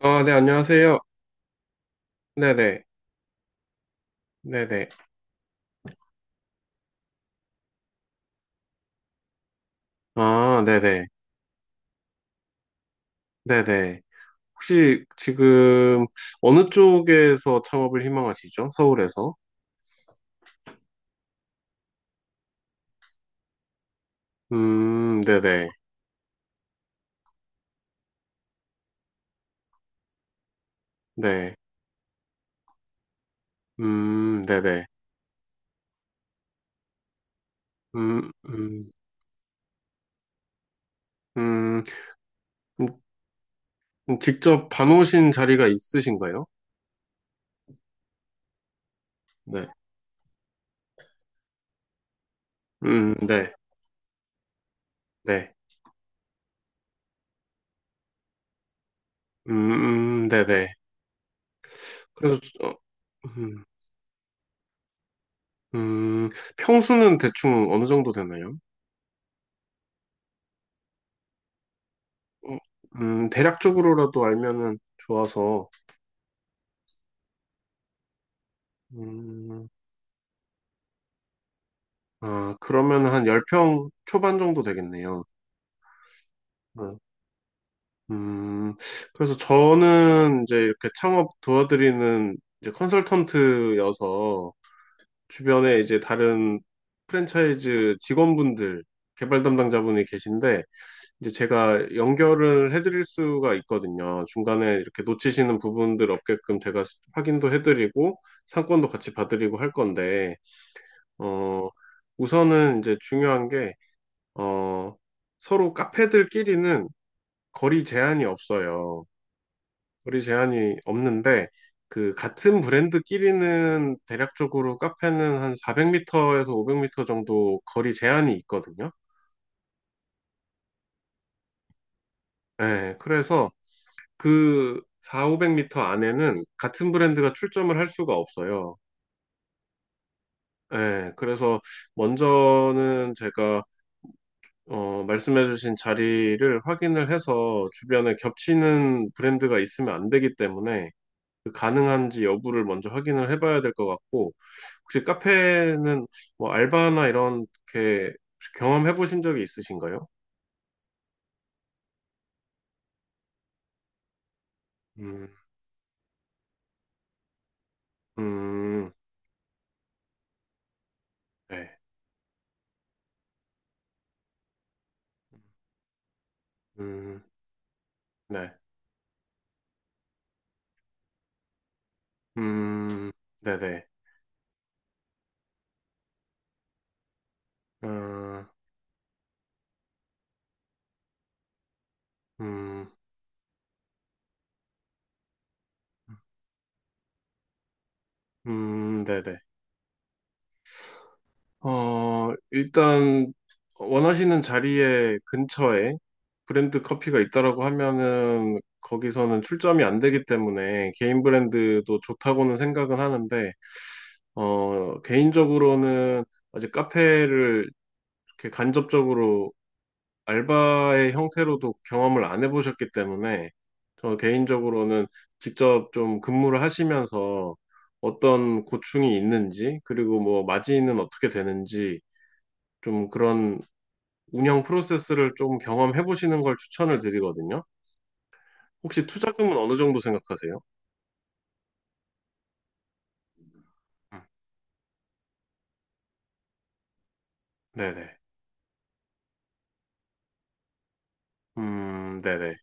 아, 네, 안녕하세요. 네네, 네네. 아, 네네, 네네. 혹시 지금 어느 쪽에서 창업을 희망하시죠? 서울에서? 네네, 네. 네네. 음, 음, 음, 음, 직접 봐놓으신 자리가 있으신가요? 네. 네, 네. 네네. 그래서, 어, 음, 음, 평수는 대충 어느 정도 되나요? 어, 대략적으로라도 알면은 좋아서. 음, 아, 그러면 한 10평 초반 정도 되겠네요. 어, 음, 그래서 저는 이제 이렇게 창업 도와드리는 이제 컨설턴트여서 주변에 이제 다른 프랜차이즈 직원분들, 개발 담당자분이 계신데, 이제 제가 연결을 해드릴 수가 있거든요. 중간에 이렇게 놓치시는 부분들 없게끔 제가 확인도 해드리고, 상권도 같이 봐드리고 할 건데, 어, 우선은 이제 중요한 게 어, 서로 카페들끼리는 거리 제한이 없어요. 거리 제한이 없는데, 그, 같은 브랜드끼리는 대략적으로 카페는 한 400m에서 500m 정도 거리 제한이 있거든요. 네, 그래서 그 4, 500m 안에는 같은 브랜드가 출점을 할 수가 없어요. 네, 그래서 먼저는 제가 말씀해주신 자리를 확인을 해서 주변에 겹치는 브랜드가 있으면 안 되기 때문에 그 가능한지 여부를 먼저 확인을 해봐야 될 것 같고, 혹시 카페는 뭐 알바나 이런 게 경험해 보신 적이 있으신가요? 음, 음, 네, 음, 네, 음, 네네, 음, 음, 네네. 일단 원하시는 자리에 근처에 브랜드 커피가 있다라고 하면은 거기서는 출점이 안 되기 때문에 개인 브랜드도 좋다고는 생각은 하는데 어, 개인적으로는 아직 카페를 이렇게 간접적으로 알바의 형태로도 경험을 안 해보셨기 때문에 저 개인적으로는 직접 좀 근무를 하시면서 어떤 고충이 있는지 그리고 뭐 마진은 어떻게 되는지 좀 그런 운영 프로세스를 좀 경험해 보시는 걸 추천을 드리거든요. 혹시 투자금은 어느 정도 생각하세요? 음. 네네. 네네.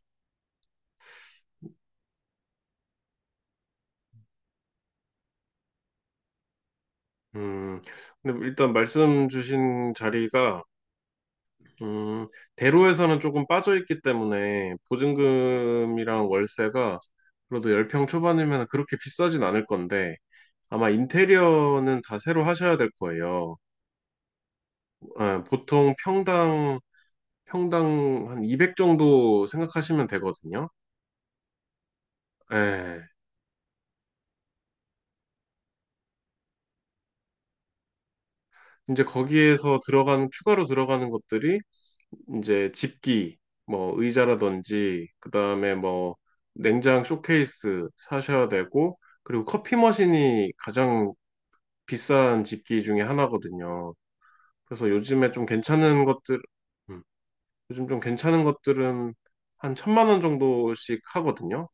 음, 근데 뭐 일단 말씀 주신 자리가 음, 대로에서는 조금 빠져있기 때문에 보증금이랑 월세가 그래도 10평 초반이면 그렇게 비싸진 않을 건데 아마 인테리어는 다 새로 하셔야 될 거예요. 아, 보통 평당, 평당 한 200 정도 생각하시면 되거든요. 예. 이제 거기에서 들어가는, 추가로 들어가는 것들이 이제 집기, 뭐 의자라든지, 그 다음에 뭐 냉장 쇼케이스 사셔야 되고, 그리고 커피 머신이 가장 비싼 집기 중에 하나거든요. 그래서 요즘에 좀 괜찮은 것들, 음, 요즘 좀 괜찮은 것들은 한 1,000만 원 정도씩 하거든요.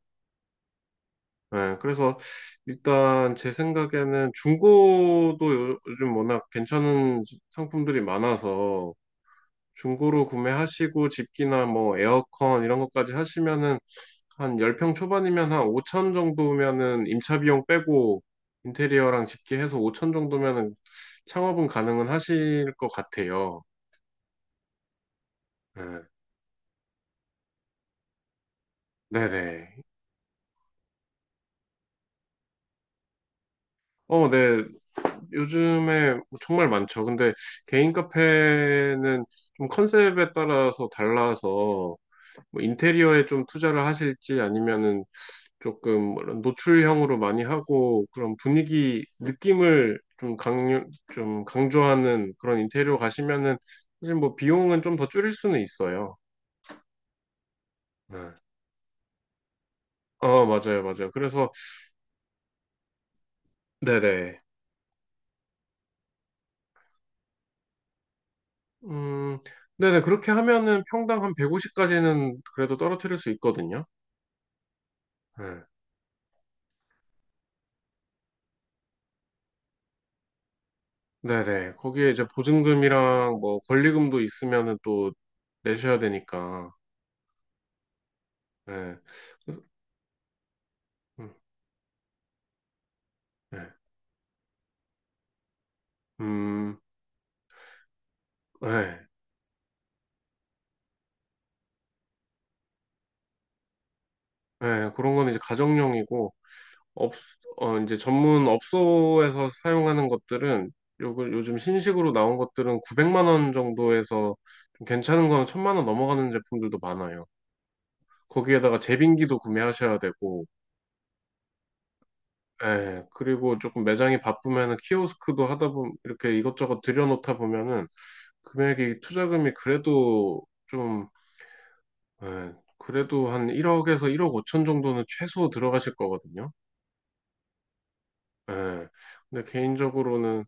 네, 그래서 일단 제 생각에는 중고도 요즘 워낙 괜찮은 상품들이 많아서 중고로 구매하시고 집기나 뭐 에어컨 이런 것까지 하시면은 한 10평 초반이면 한 5천 정도면은 임차 비용 빼고 인테리어랑 집계해서 5천 정도면은 창업은 가능은 하실 것 같아요. 네. 네네. 어, 네. 요즘에 뭐 정말 많죠. 근데 개인 카페는 좀 컨셉에 따라서 달라서 뭐 인테리어에 좀 투자를 하실지 아니면은 조금 노출형으로 많이 하고 그런 분위기 느낌을 좀 강조하는 그런 인테리어 가시면은 사실 뭐 비용은 좀 더 줄일 수는 있어요. 네. 어, 맞아요, 맞아요. 그래서, 네네. 음, 네네. 그렇게 하면은 평당 한 150까지는 그래도 떨어뜨릴 수 있거든요. 네. 네네. 거기에 이제 보증금이랑 뭐 권리금도 있으면은 또 내셔야 되니까. 네. 음, 네. 음, 네. 네, 그런 건 이제 가정용이고, 업, 이제 전문 업소에서 사용하는 것들은 요, 그 요즘 신식으로 나온 것들은 900만 원 정도에서 좀 괜찮은 거는 만원 넘어가는 제품들도 많아요. 거기에다가 제빙기도 구매하셔야 되고, 예, 그리고 조금 매장이 바쁘면은 키오스크도 하다 보면 이렇게 이것저것 들여놓다 보면은 금액이 투자금이 그래도 좀, 예, 그래도 한 1억에서 1억 5천 정도는 최소 들어가실 거거든요. 예. 근데 개인적으로는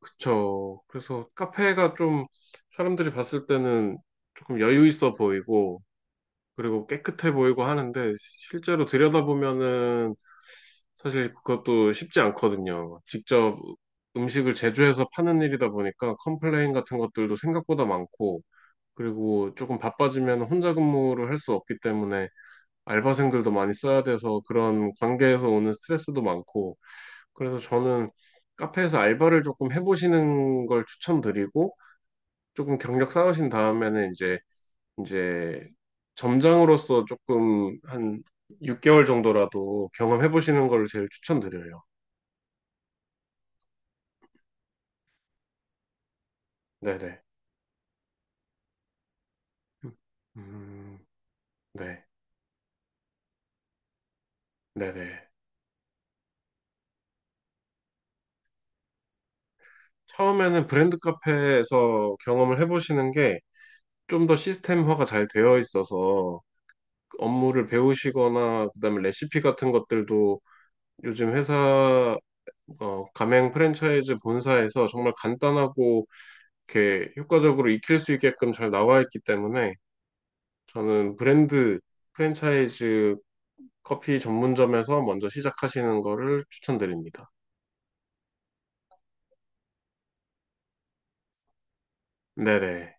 그쵸. 그래서 카페가 좀 사람들이 봤을 때는 조금 여유 있어 보이고, 그리고 깨끗해 보이고 하는데, 실제로 들여다보면은 사실 그것도 쉽지 않거든요. 직접 음식을 제조해서 파는 일이다 보니까 컴플레인 같은 것들도 생각보다 많고, 그리고 조금 바빠지면 혼자 근무를 할 수 없기 때문에 알바생들도 많이 써야 돼서 그런 관계에서 오는 스트레스도 많고, 그래서 저는 카페에서 알바를 조금 해보시는 걸 추천드리고, 조금 경력 쌓으신 다음에는 이제 점장으로서 조금 한 6개월 정도라도 경험해 보시는 걸 제일 추천드려요. 네네. 음, 네. 네네. 처음에는 브랜드 카페에서 경험을 해보시는 게 좀 더 시스템화가 잘 되어 있어서 업무를 배우시거나 그다음에 레시피 같은 것들도 요즘 회사 가맹 프랜차이즈 본사에서 정말 간단하고 이렇게 효과적으로 익힐 수 있게끔 잘 나와 있기 때문에 저는 브랜드 프랜차이즈 커피 전문점에서 먼저 시작하시는 거를 추천드립니다. 네네.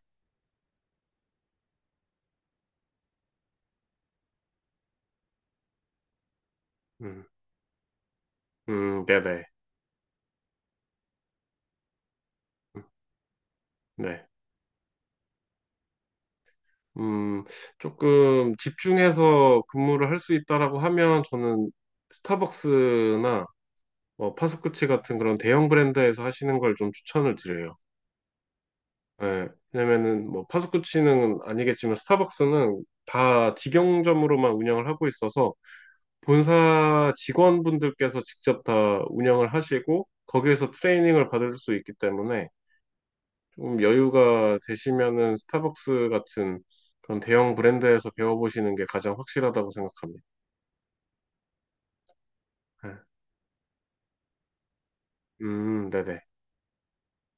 음, 네네. 음, 네. 음, 조금 집중해서 근무를 할 수 있다라고 하면 저는 스타벅스나 뭐 파스쿠치 같은 그런 대형 브랜드에서 하시는 걸 좀 추천을 드려요. 예, 왜냐면은 뭐 파스쿠치는 아니겠지만 스타벅스는 다 직영점으로만 운영을 하고 있어서 본사 직원분들께서 직접 다 운영을 하시고 거기에서 트레이닝을 받을 수 있기 때문에 좀 여유가 되시면은 스타벅스 같은 그런 대형 브랜드에서 배워보시는 게 가장 확실하다고 생각합니다. 예. 네네.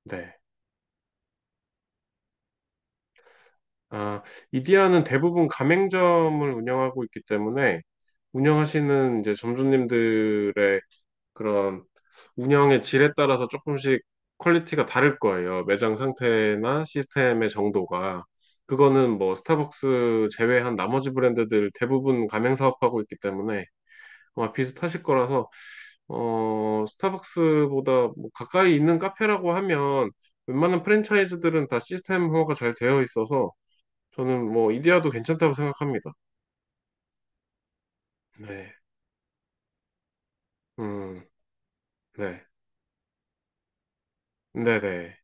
네. 아, 이디야는 대부분 가맹점을 운영하고 있기 때문에 운영하시는 이제 점주님들의 그런 운영의 질에 따라서 조금씩 퀄리티가 다를 거예요. 매장 상태나 시스템의 정도가. 그거는 뭐 스타벅스 제외한 나머지 브랜드들 대부분 가맹 사업하고 있기 때문에 아마 비슷하실 거라서 스타벅스보다 뭐 가까이 있는 카페라고 하면 웬만한 프랜차이즈들은 다 시스템 호화가 잘 되어 있어서 저는 뭐 이디야도 괜찮다고 생각합니다. 네. 음. 네. 네네.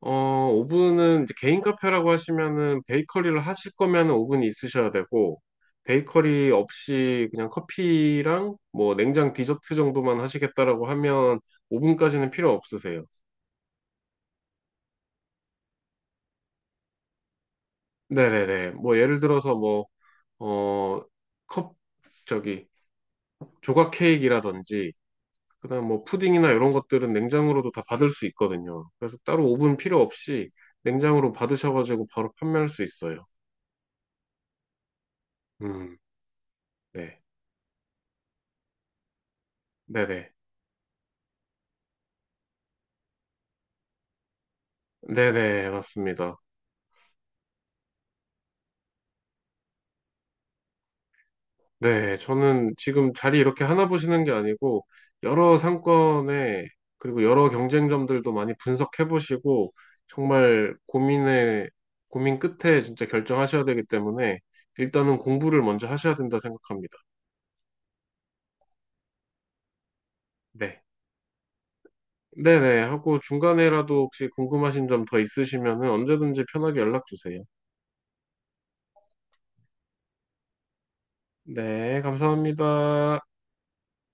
어, 오븐은 이제 개인 카페라고 하시면은 베이커리를 하실 거면은 오븐이 있으셔야 되고 베이커리 없이 그냥 커피랑 뭐 냉장 디저트 정도만 하시겠다라고 하면 오븐까지는 필요 없으세요. 네네네. 뭐 예를 들어서 어, 컵 저기 조각 케이크라든지 그다음 뭐 푸딩이나 이런 것들은 냉장으로도 다 받을 수 있거든요. 그래서 따로 오븐 필요 없이 냉장으로 받으셔가지고 바로 판매할 수 있어요. 음, 네. 네네. 네네, 맞습니다. 네, 저는 지금 자리 이렇게 하나 보시는 게 아니고, 여러 상권에, 그리고 여러 경쟁점들도 많이 분석해 보시고, 정말 고민에, 고민 끝에 진짜 결정하셔야 되기 때문에, 일단은 공부를 먼저 하셔야 된다 생각합니다. 네. 네네, 하고 중간에라도 혹시 궁금하신 점 더 있으시면은 언제든지 편하게 연락 주세요. 네, 감사합니다.